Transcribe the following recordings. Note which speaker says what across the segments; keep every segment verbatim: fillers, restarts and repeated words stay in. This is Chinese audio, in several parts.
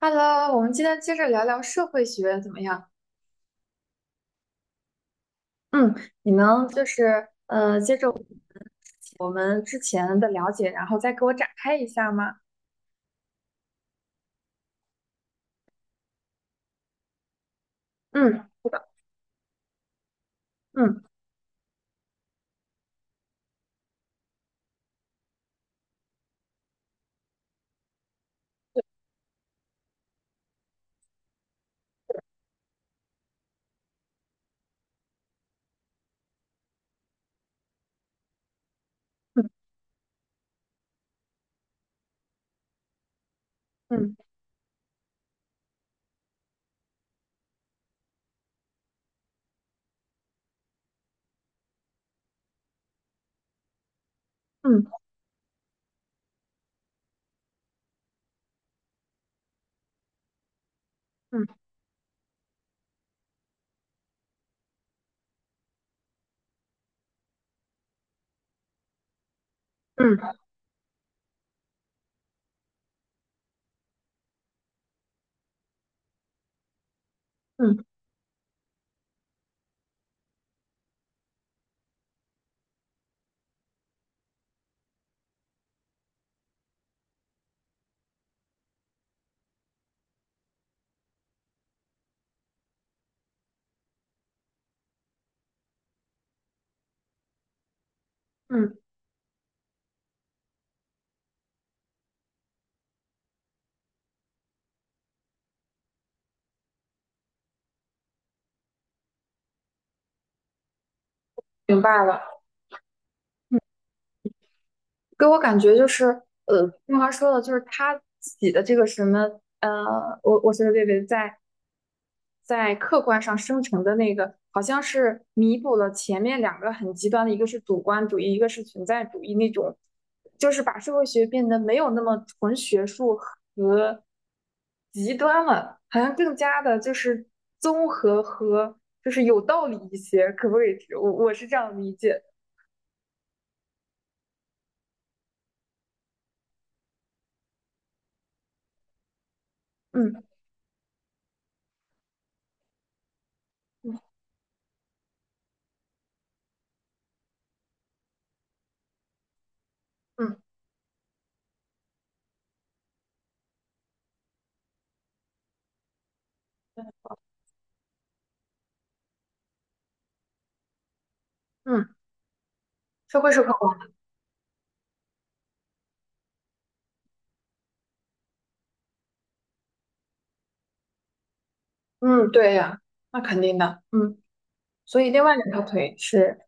Speaker 1: Hello，我们今天接着聊聊社会学怎么样？嗯，你能就是呃，接着我们之前的了解，然后再给我展开一下吗？嗯，是的。嗯，对。嗯嗯。嗯嗯。嗯嗯。嗯，明白了。给我感觉就是，呃，听华说的，就是他自己的这个什么，呃，我我随得便便在在客观上生成的那个，好像是弥补了前面两个很极端的，一个是主观主义，一个是存在主义那种，就是把社会学变得没有那么纯学术和极端了，好像更加的就是综合和就是有道理一些，可不可以？我我是这样理解的。嗯嗯。嗯嗯。社会是客观的。嗯，对呀，那肯定的。嗯，所以另外两条腿是？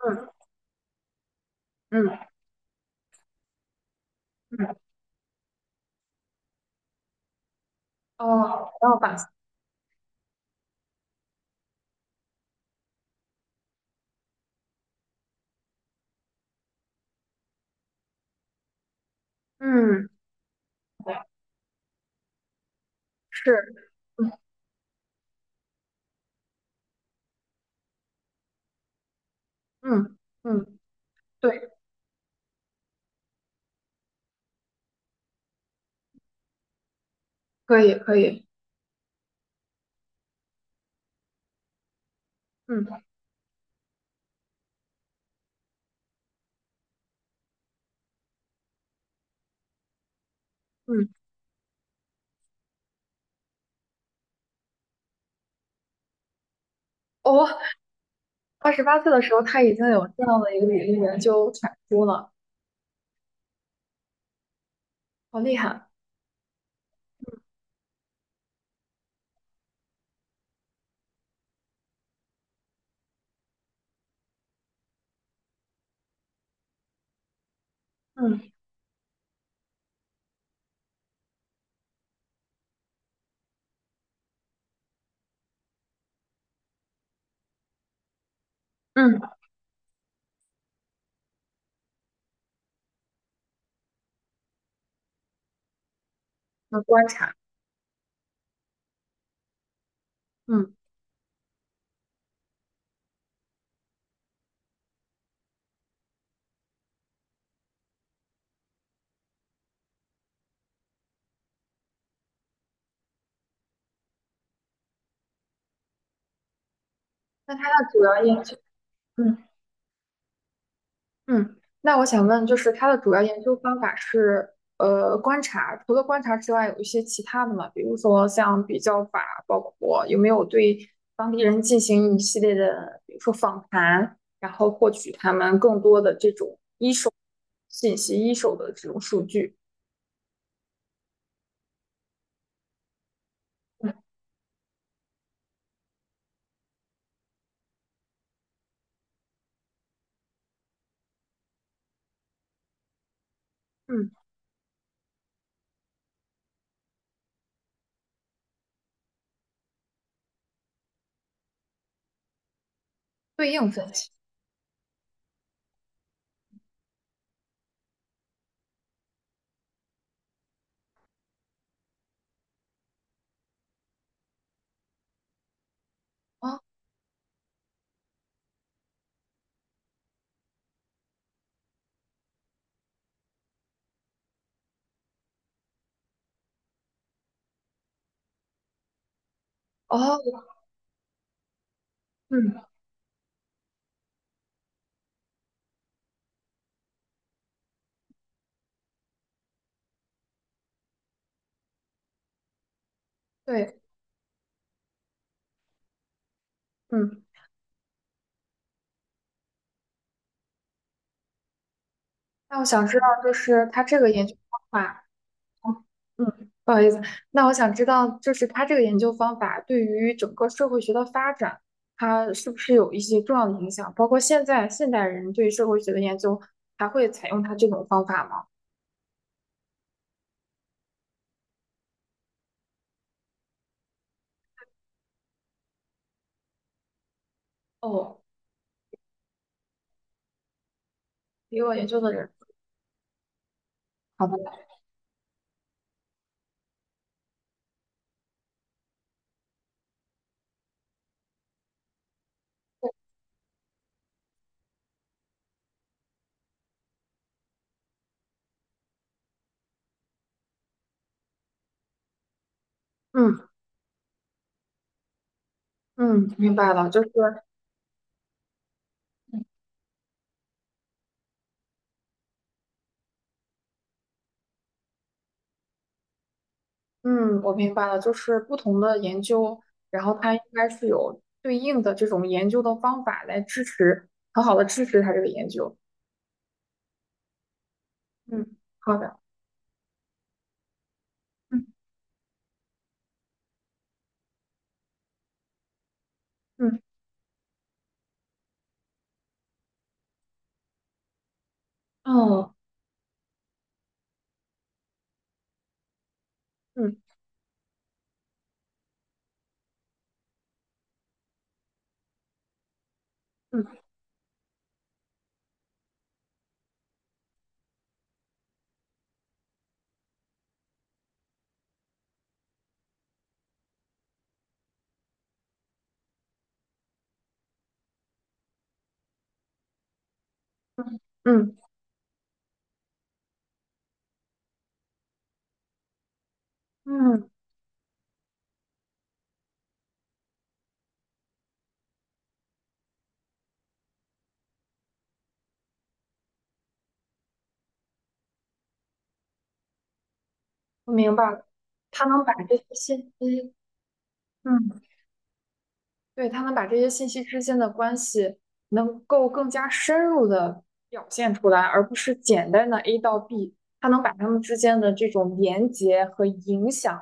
Speaker 1: 嗯嗯嗯。哦，然后把。嗯，是。嗯嗯嗯。对，可以可以。嗯嗯。哦，二十八岁的时候他已经有这样的一个理论研究产出了，好厉害。嗯嗯。能观察。嗯，那他的主要研究。嗯。嗯，那我想问，就是它的主要研究方法是呃观察，除了观察之外，有一些其他的嘛，比如说像比较法，包括有没有对当地人进行一系列的，比如说访谈，然后获取他们更多的这种信息，一手的这种数据？嗯。嗯。对应分析。哦哦。嗯。对。嗯，那我想知道，就是它这个研究方法。嗯，不好意思，那我想知道，就是他这个研究方法对于整个社会学的发展，它是不是有一些重要的影响？包括现在现代人对社会学的研究，还会采用他这种方法吗？哦，比我研究的人。好的。嗯嗯，明白了，就是。嗯，我明白了，就是不同的研究，然后它应该是有对应的这种研究的方法来支持，很好的支持它这个研究。嗯，好的。嗯嗯。哦。嗯。嗯嗯嗯。嗯，我明白了，他能把这些信息。嗯，对，他能把这些信息之间的关系能够更加深入的表现出来，而不是简单的 A 到 B，他能把他们之间的这种连接和影响，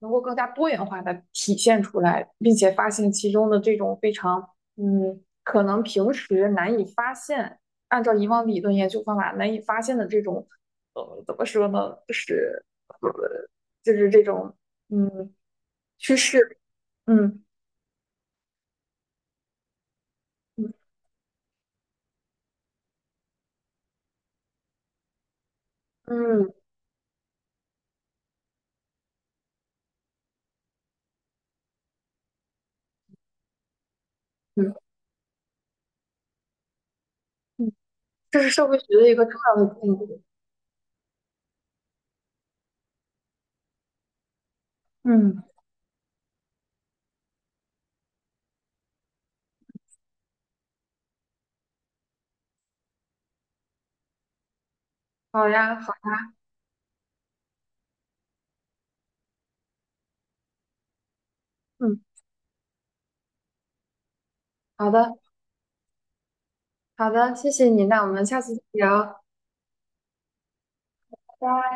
Speaker 1: 能够更加多元化的体现出来，并且发现其中的这种非常，嗯，可能平时难以发现，按照以往理论研究方法难以发现的这种，呃，怎么说呢，就是，呃，就是这种，嗯，趋势。嗯嗯嗯。嗯嗯，这是社会学的一个重要的进步。嗯，好呀，好。嗯，好的。好的，谢谢你，那我们下次再聊，拜拜。